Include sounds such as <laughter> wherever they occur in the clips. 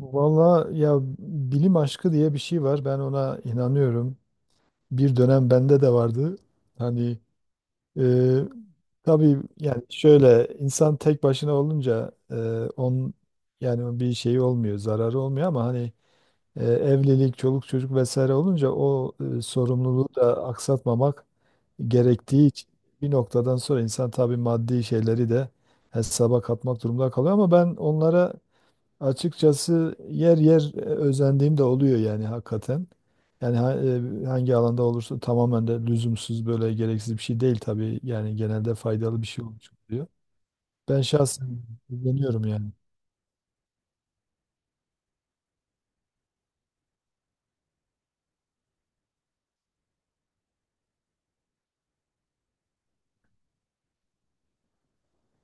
Valla ya bilim aşkı diye bir şey var. Ben ona inanıyorum. Bir dönem bende de vardı. Hani, e, tabii yani şöyle insan tek başına olunca, on yani bir şey olmuyor, zararı olmuyor ama hani, evlilik, çoluk çocuk vesaire olunca o, sorumluluğu da aksatmamak gerektiği için bir noktadan sonra insan tabii maddi şeyleri de hesaba katmak durumunda kalıyor, ama ben onlara açıkçası yer yer, özendiğim de oluyor yani hakikaten. Yani, hangi alanda olursa tamamen de lüzumsuz, böyle gereksiz bir şey değil tabii. Yani genelde faydalı bir şey olmuş oluyor. Ben şahsen özeniyorum yani.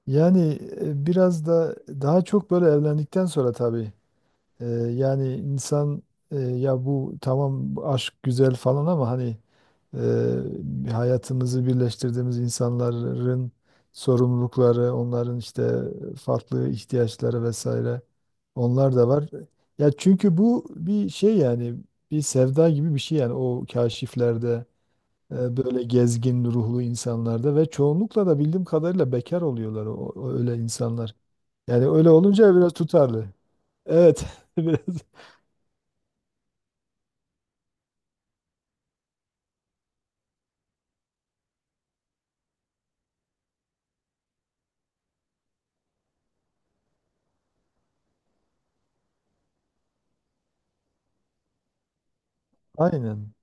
Yani biraz da daha çok böyle evlendikten sonra tabii. Ee, yani insan, ya bu tamam, bu aşk güzel falan, ama hani, hayatımızı birleştirdiğimiz insanların sorumlulukları, onların işte farklı ihtiyaçları vesaire, onlar da var. Ya çünkü bu bir şey, yani bir sevda gibi bir şey yani. O kaşiflerde, böyle gezgin ruhlu insanlarda, ve çoğunlukla da bildiğim kadarıyla bekar oluyorlar öyle insanlar. Yani öyle olunca biraz tutarlı. Evet, <laughs> biraz. Aynen.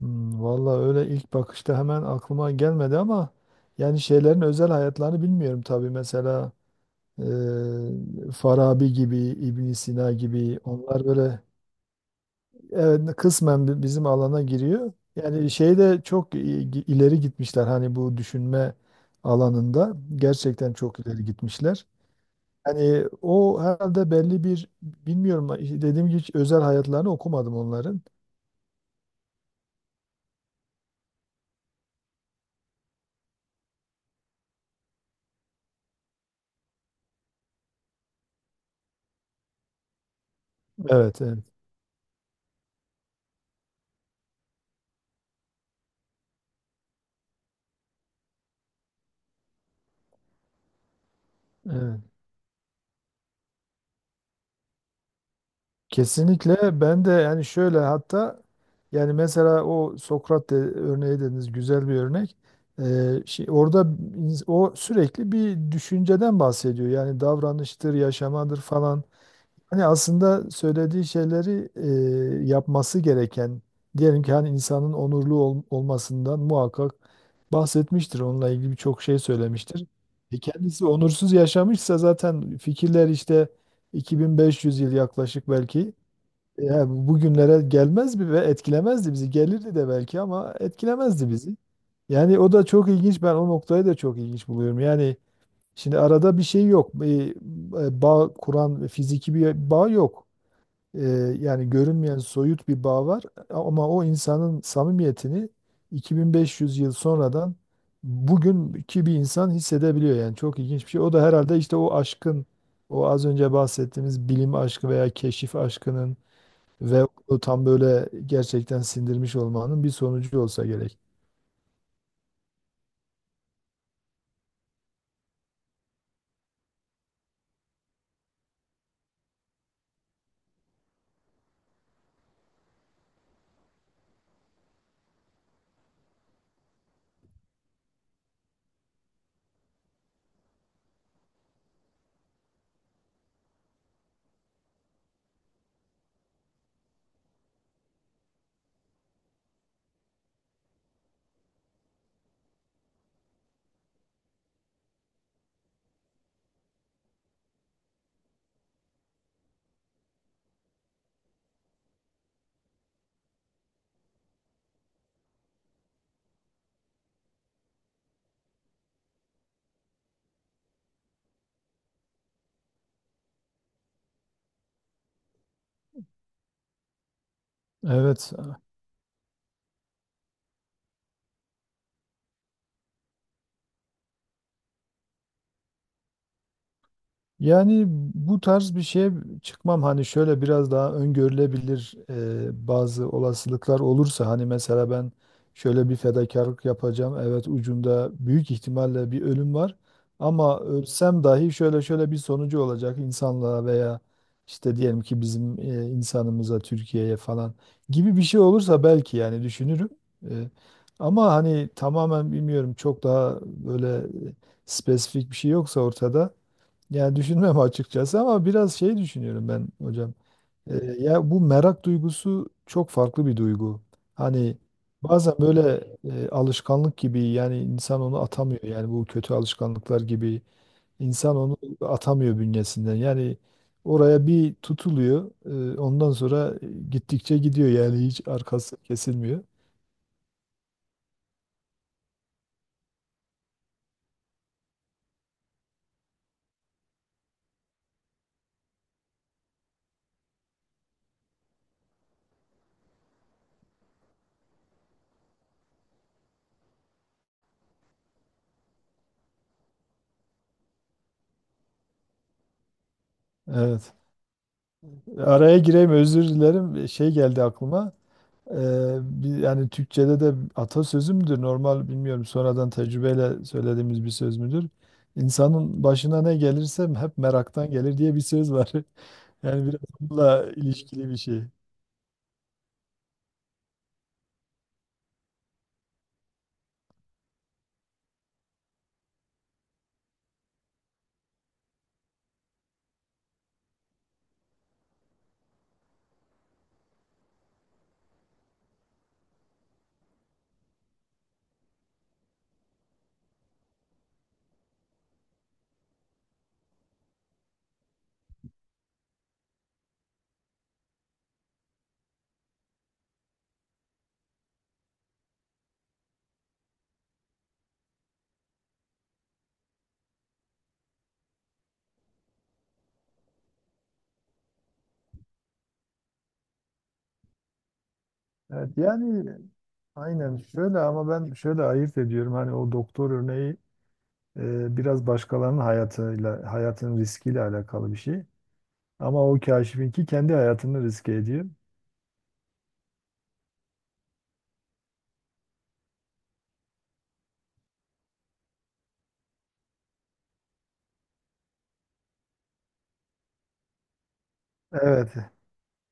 Hmm, vallahi öyle ilk bakışta hemen aklıma gelmedi, ama yani şeylerin özel hayatlarını bilmiyorum tabii. Mesela Farabi gibi, ibn Sina gibi, onlar böyle, evet, kısmen bizim alana giriyor. Yani şeyde çok ileri gitmişler, hani bu düşünme alanında gerçekten çok ileri gitmişler. Hani o herhalde belli bir, bilmiyorum, dediğim gibi hiç özel hayatlarını okumadım onların. Evet, evet. Evet. Kesinlikle ben de, yani şöyle, hatta yani mesela o Sokrat de, örneği dediniz, güzel bir örnek. Şey, orada o sürekli bir düşünceden bahsediyor. Yani davranıştır, yaşamadır falan. Hani aslında söylediği şeyleri, yapması gereken, diyelim ki, hani insanın onurlu olmasından muhakkak bahsetmiştir. Onunla ilgili birçok şey söylemiştir. E kendisi onursuz yaşamışsa zaten fikirler işte 2500 yıl yaklaşık, belki ya bugünlere gelmez mi ve etkilemezdi bizi. Gelirdi de belki, ama etkilemezdi bizi. Yani o da çok ilginç. Ben o noktayı da çok ilginç buluyorum. Yani şimdi arada bir şey yok. Bağ kuran fiziki bir bağ yok. E, yani görünmeyen soyut bir bağ var. Ama o insanın samimiyetini 2500 yıl sonradan bugünkü bir insan hissedebiliyor. Yani çok ilginç bir şey. O da herhalde işte o aşkın, o az önce bahsettiğimiz bilim aşkı veya keşif aşkının ve onu tam böyle gerçekten sindirmiş olmanın bir sonucu olsa gerek. Evet. Yani bu tarz bir şeye çıkmam, hani şöyle biraz daha öngörülebilir, bazı olasılıklar olursa. Hani mesela ben şöyle bir fedakarlık yapacağım. Evet, ucunda büyük ihtimalle bir ölüm var ama ölsem dahi şöyle şöyle bir sonucu olacak insanlığa veya işte diyelim ki bizim, insanımıza, Türkiye'ye falan, gibi bir şey olursa belki yani düşünürüm. E, ama hani, tamamen bilmiyorum, çok daha böyle spesifik bir şey yoksa ortada, yani düşünmem açıkçası, ama biraz şey düşünüyorum ben hocam. Ya bu merak duygusu çok farklı bir duygu. Hani bazen böyle, alışkanlık gibi, yani insan onu atamıyor. Yani bu kötü alışkanlıklar gibi insan onu atamıyor bünyesinden. Yani oraya bir tutuluyor, ondan sonra gittikçe gidiyor yani, hiç arkası kesilmiyor. Evet. Araya gireyim, özür dilerim. Şey geldi aklıma. Yani Türkçe'de de atasözü müdür? Normal bilmiyorum, sonradan tecrübeyle söylediğimiz bir söz müdür? İnsanın başına ne gelirse hep meraktan gelir diye bir söz var. <laughs> Yani biraz bununla ilişkili bir şey. Evet, yani aynen şöyle ama ben şöyle ayırt ediyorum. Hani o doktor örneği, biraz başkalarının hayatıyla, hayatın riskiyle alakalı bir şey. Ama o kaşifinki kendi hayatını riske ediyor. Evet.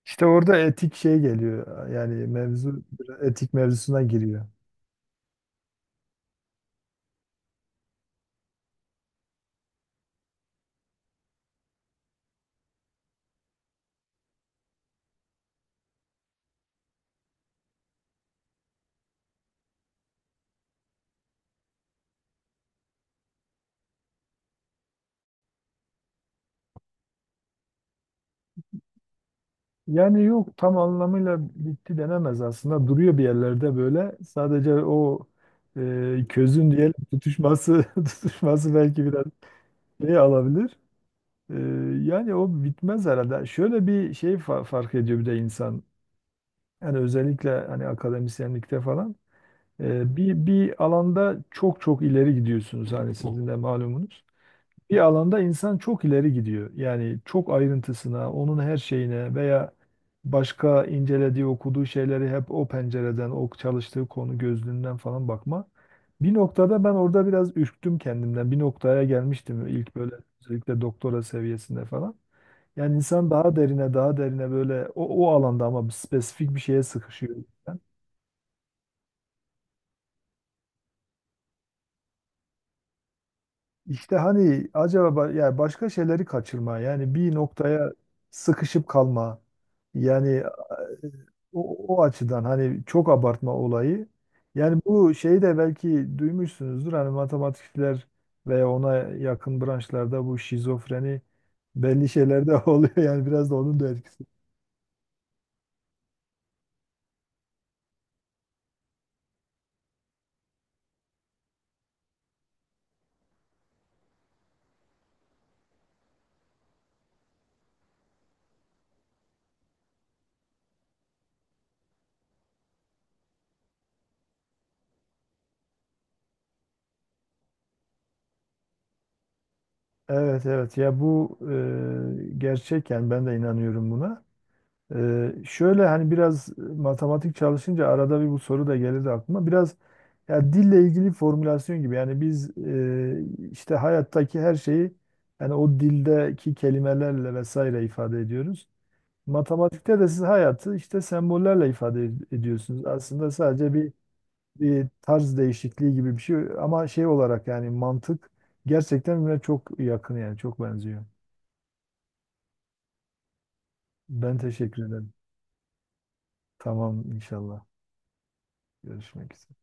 İşte orada etik şey geliyor. Yani mevzu etik mevzusuna giriyor. Yani yok, tam anlamıyla bitti denemez aslında. Duruyor bir yerlerde böyle. Sadece o, közün diyelim tutuşması <laughs> tutuşması belki biraz. Ne alabilir? Ee, yani o bitmez herhalde. Şöyle bir şey fark ediyor bir de insan. Yani özellikle hani akademisyenlikte falan. Bir alanda çok çok ileri gidiyorsunuz. Hani sizin de malumunuz, bir alanda insan çok ileri gidiyor. Yani çok ayrıntısına, onun her şeyine veya başka incelediği, okuduğu şeyleri hep o pencereden, o çalıştığı konu gözlüğünden falan bakma. Bir noktada ben orada biraz ürktüm kendimden. Bir noktaya gelmiştim ilk böyle, özellikle doktora seviyesinde falan. Yani insan daha derine, daha derine böyle o alanda ama bir spesifik bir şeye sıkışıyor. İşte hani acaba yani başka şeyleri kaçırma, yani bir noktaya sıkışıp kalma, yani o açıdan, hani çok abartma olayı, yani bu şeyi de belki duymuşsunuzdur, hani matematikçiler veya ona yakın branşlarda bu şizofreni belli şeylerde <laughs> oluyor, yani biraz da onun da etkisi. Evet evet, ya bu gerçek yani ben de inanıyorum buna. Şöyle hani biraz matematik çalışınca arada bir bu soru da gelirdi aklıma. Biraz ya dille ilgili formülasyon gibi, yani biz işte hayattaki her şeyi yani o dildeki kelimelerle vesaire ifade ediyoruz. Matematikte de siz hayatı işte sembollerle ifade ediyorsunuz. Aslında sadece bir tarz değişikliği gibi bir şey, ama şey olarak yani mantık gerçekten birbirine çok yakın, yani çok benziyor. Ben teşekkür ederim. Tamam inşallah. Görüşmek üzere.